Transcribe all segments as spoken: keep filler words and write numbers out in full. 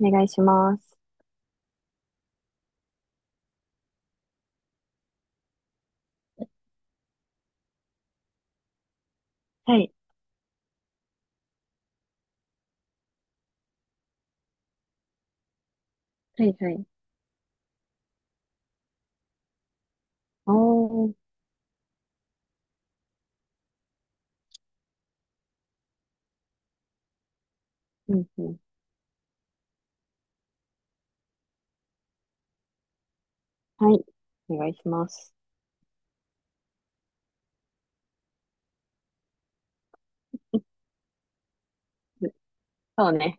お願いします。はい。はいはい。おー。うんうん。はい。お願いします。うん、そうね。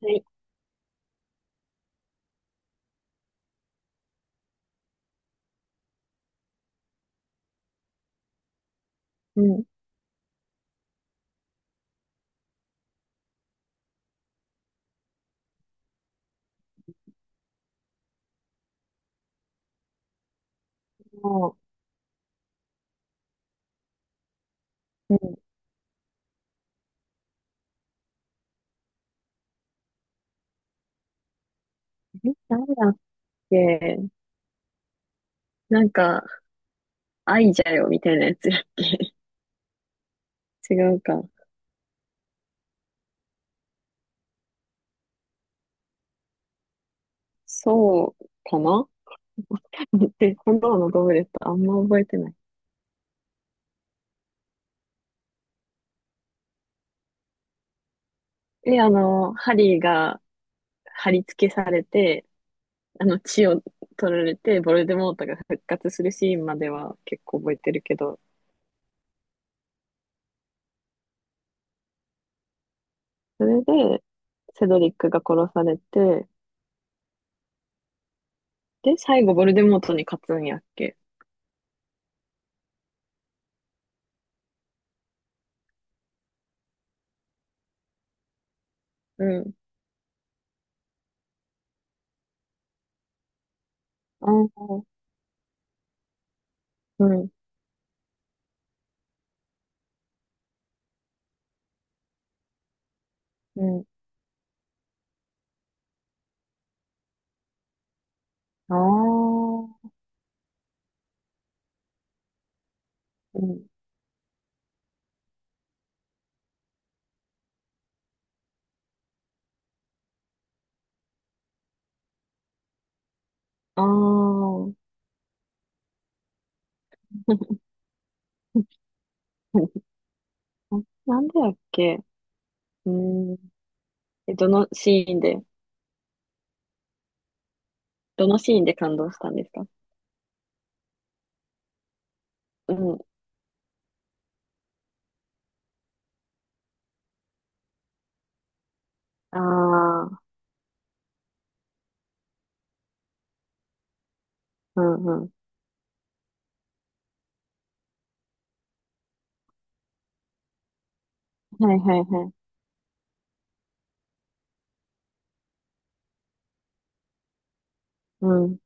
はい。うん。もう、うん。え、誰だっけ。なんか、愛じゃよ、みたいなやつだっけ。 違うか。そうかな。 で、今度のゴブレットあんま覚えてない。で、あの、ハリーが貼り付けされて、あの、血を取られて、ボルデモートが復活するシーンまでは結構覚えてるけど、それで、セドリックが殺されて、で、最後、ヴォルデモートに勝つんやっけ。うん。ああ、うん、うん。ああ、うん。ああ。なんでやっけ。うん。え、どのシーンで、どのシーンで感動したんですか？うん。ああ、うんうん。はいはいはい。うん。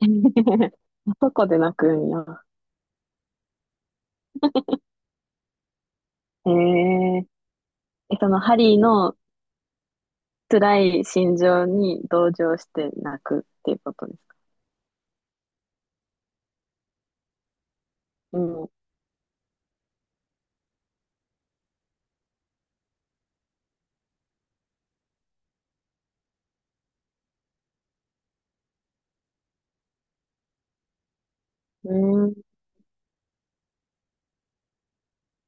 あそこで泣くんや。ええ。え、そのハリーの辛い心情に同情して泣くっていうことですか？うん。うん。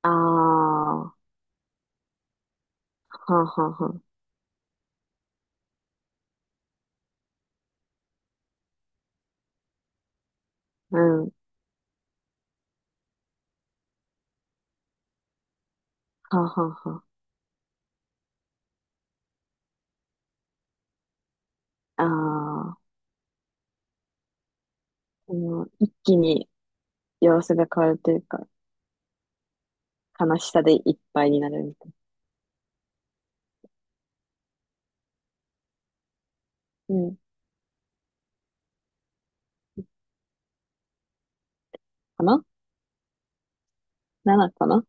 ああ、はあはあはあ。うん。はあはあはあ。ああ、この一気に様子が変わるというか、悲しさでいっぱいになるみたいな。うん。かな？ なな かな。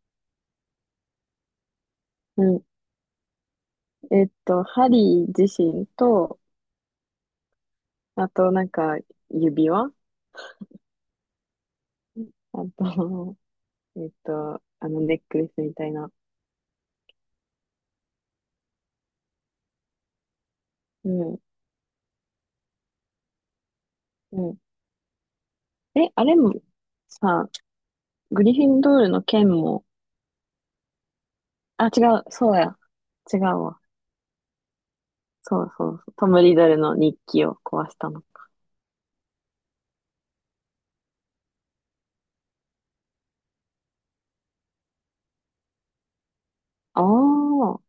うん。えっと、ハリー自身と、あとなんか、指輪、あと、えっと、あの、ネックレスみたいな。うん。うん。え、あれも、さ、グリフィンドールの剣も、あ、違う、そうや。違うわ。そうそうそう。トム・リドルの日記を壊したの。ああ、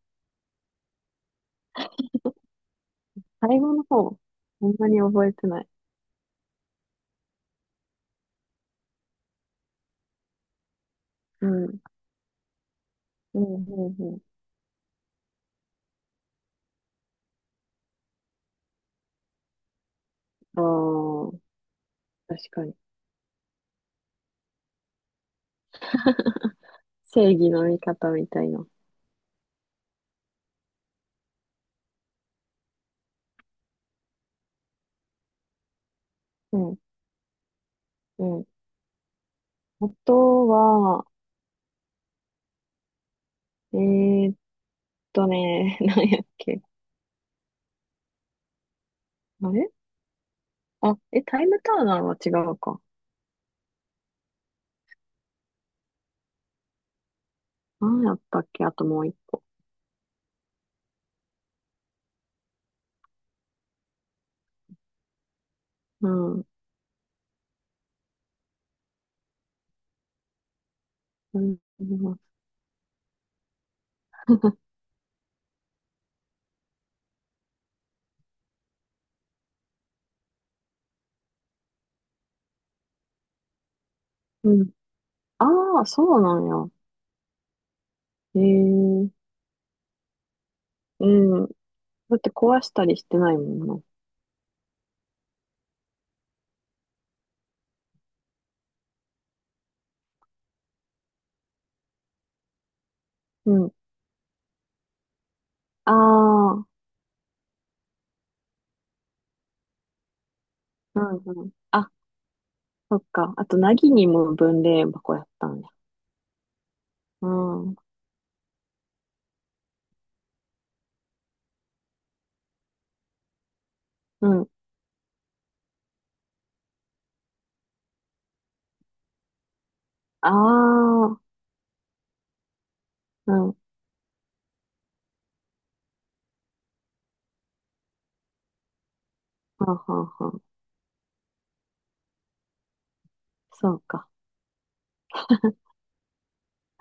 最後の方。そんなに覚えてない。うん。うん、うん、うん。ああ、確かに。正義の味方みたいな。うん、うん。あとは、えーっとね、何やっけ。あれ、あ、え、タイムターナーは違うか。何やったっけあともう一個。うん。うん。うん。ああー、そうなんや。ええ、うん。だって壊したりしてないもんな。うん。ああ、うんうん。あ、そっか。あと、なぎにも分霊箱やったんや。うん、うん。ああ、うん、はんはんはん。そうか。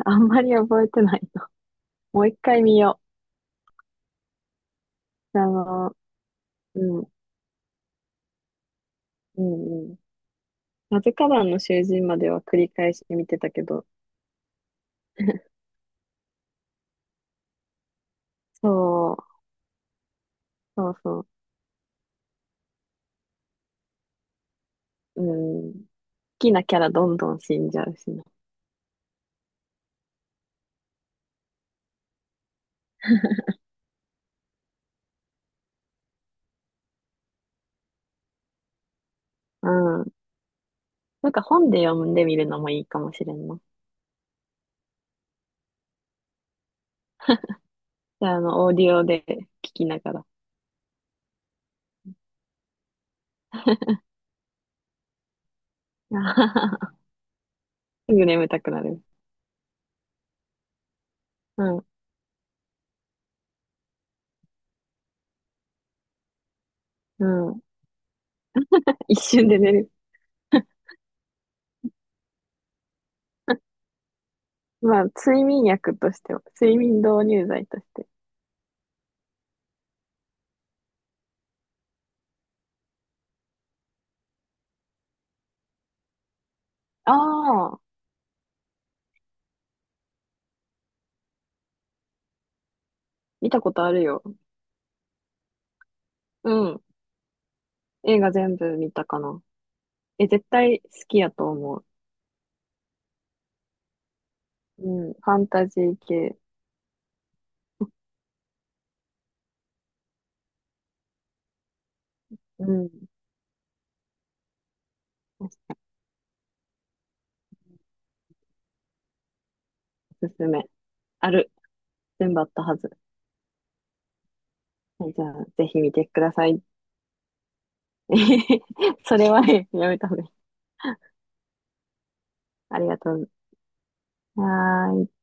あんまり覚えてない。もう一回見よう。あの、うん、うん、うん。マズカバンの囚人までは繰り返し見てたけど、そう、そうそう、うん。好きなキャラどんどん死んじゃうしな。うん。なんか本で読んでみるのもいいかもしれんな。じゃあ、あの、オーディオで聞きながら。すぐ眠たくなる。うん、うん。一瞬で寝る。まあ、睡眠薬としては、睡眠導入剤として。ああ、見たことあるよ。うん。映画全部見たかな。え、絶対好きやと思う。うん。ファンタジー系。うん。おすすめ。ある。全部あったはず。はい、じゃあ、ぜひ見てください。それはね、やめた方がいい。ありがとう。はーい。